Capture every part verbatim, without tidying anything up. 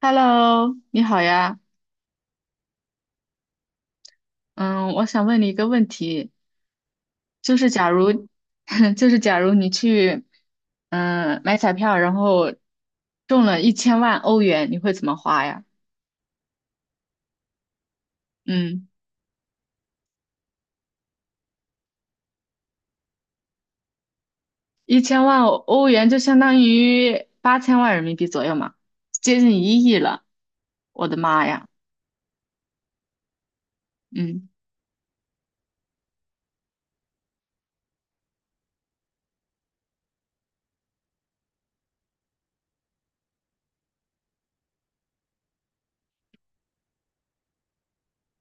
Hello，你好呀。嗯，我想问你一个问题，就是假如，就是假如你去，嗯，买彩票，然后中了一千万欧元，你会怎么花呀？嗯，一千万欧元就相当于八千万人民币左右嘛，接近一亿了。我的妈呀！嗯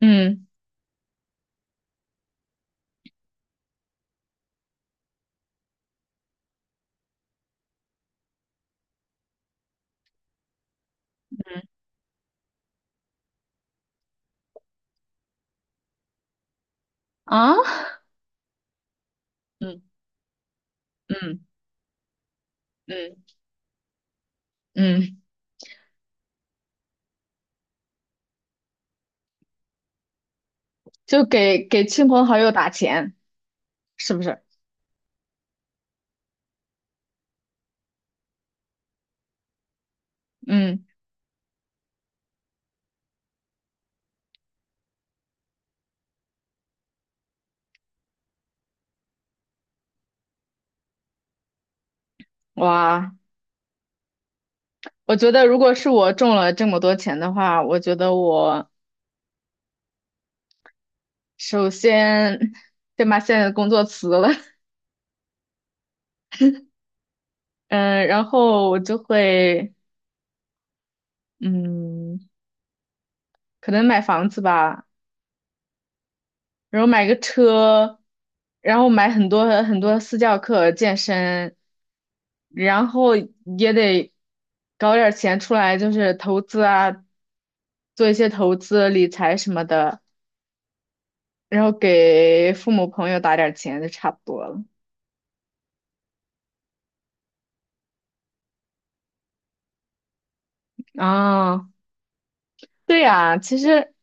嗯啊，嗯嗯嗯嗯，就给给亲朋好友打钱，是不是？嗯，哇。我觉得如果是我中了这么多钱的话，我觉得我首先先把现在的工作辞了，嗯，然后我就会，嗯，可能买房子吧，然后买个车，然后买很多很多私教课、健身，然后也得搞点儿钱出来，就是投资啊，做一些投资理财什么的，然后给父母朋友打点儿钱就差不多了。啊，对呀，其实，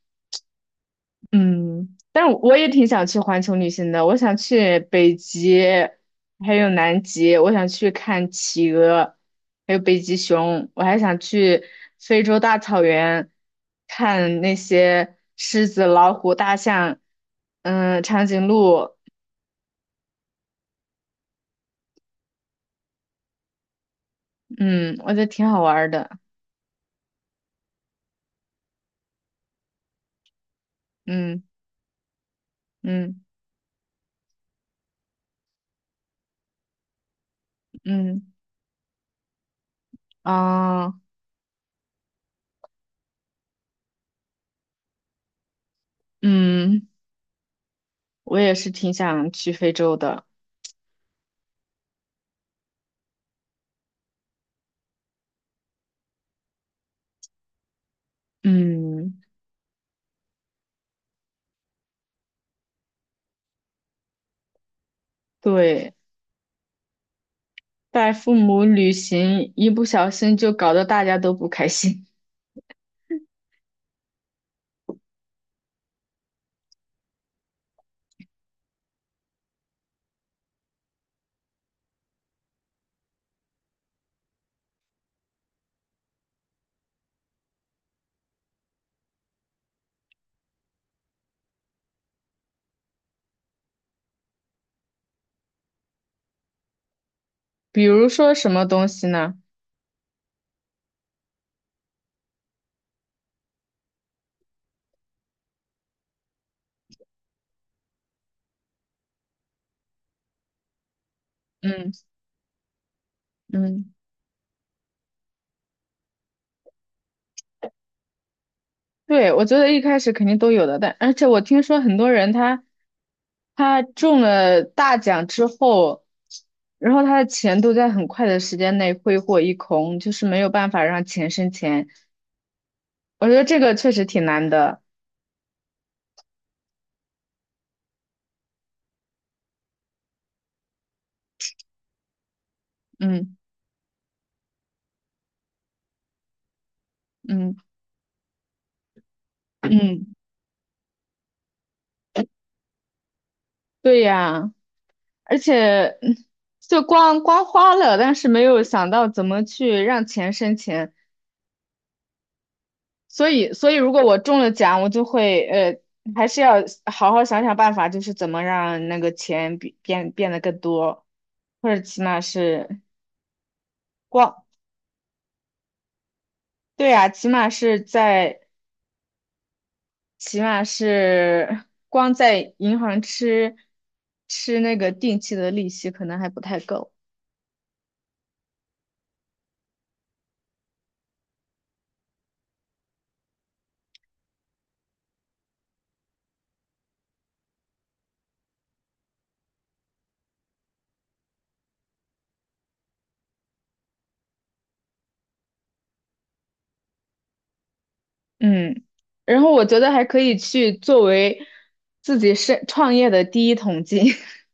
嗯，但我也挺想去环球旅行的。我想去北极，还有南极，我想去看企鹅，还有北极熊。我还想去非洲大草原，看那些狮子、老虎、大象，嗯，长颈鹿，嗯，我觉得挺好玩儿的。嗯嗯嗯啊嗯，我也是挺想去非洲的。嗯，对。带父母旅行，一不小心就搞得大家都不开心。比如说什么东西呢？嗯嗯，对，我觉得一开始肯定都有的，但而且我听说很多人他他中了大奖之后，然后他的钱都在很快的时间内挥霍一空，就是没有办法让钱生钱。我觉得这个确实挺难的。嗯嗯嗯，对呀。而且嗯就光光花了，但是没有想到怎么去让钱生钱，所以所以如果我中了奖，我就会呃，还是要好好想想办法，就是怎么让那个钱变变变得更多，或者起码是光，对呀，起码是在起码是光在银行吃吃那个定期的利息可能还不太够。嗯，然后我觉得还可以去作为自己是创业的第一桶金，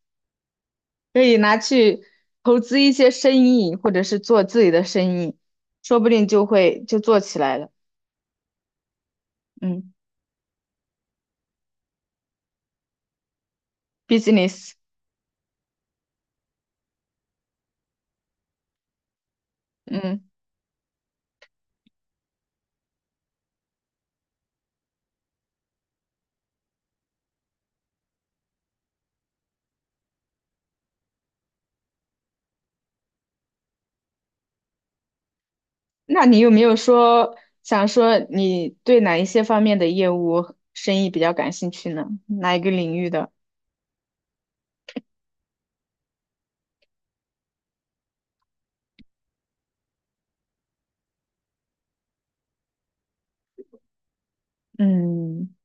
可以拿去投资一些生意，或者是做自己的生意，说不定就会就做起来了。嗯，business。嗯，那你有没有说想说你对哪一些方面的业务生意比较感兴趣呢？哪一个领域的？嗯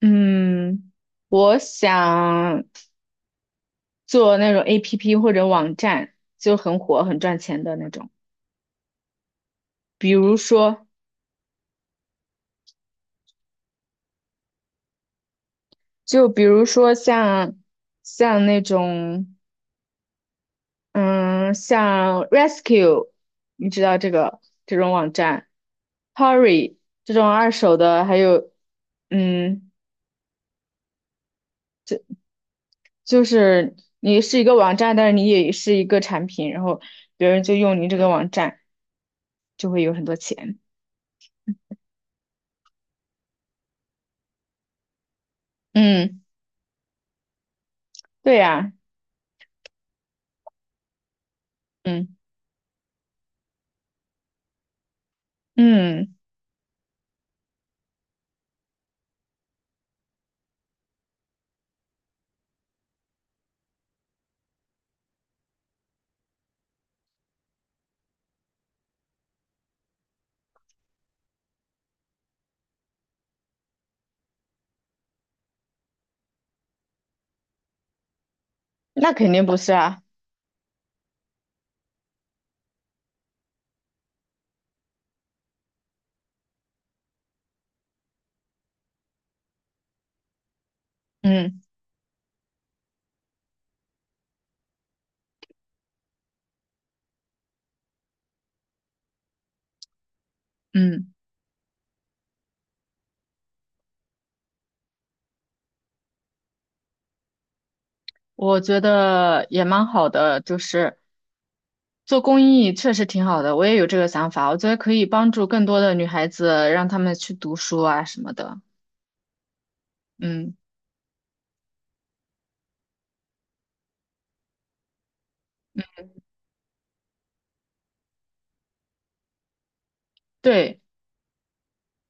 嗯，我想。做那种 A P P 或者网站，就很火、很赚钱的那种。比如说，就比如说像像那种，嗯，像 Rescue，你知道这个这种网站，Hurry 这种二手的，还有，嗯，就是你是一个网站，但是你也是一个产品，然后别人就用你这个网站，就会有很多钱。嗯，对呀，嗯嗯，那肯定不是啊，嗯嗯。我觉得也蛮好的，就是做公益确实挺好的，我也有这个想法，我觉得可以帮助更多的女孩子，让她们去读书啊什么的。嗯，对，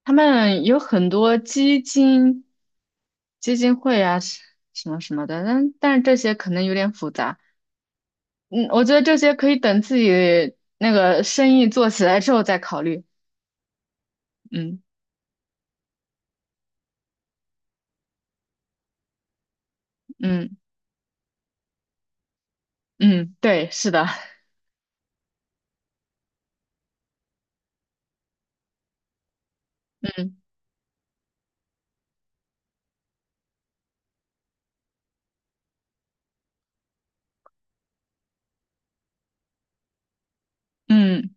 他们有很多基金、基金会啊什什么什么的，但但是这些可能有点复杂。嗯，我觉得这些可以等自己那个生意做起来之后再考虑。嗯嗯嗯，对，是的，嗯嗯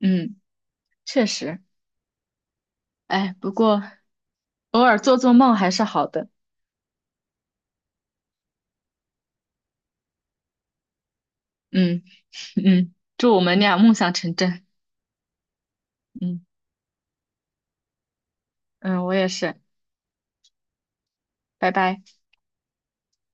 嗯，确实。哎，不过。偶尔做做梦还是好的。嗯嗯，祝我们俩梦想成真。嗯嗯，我也是，拜拜。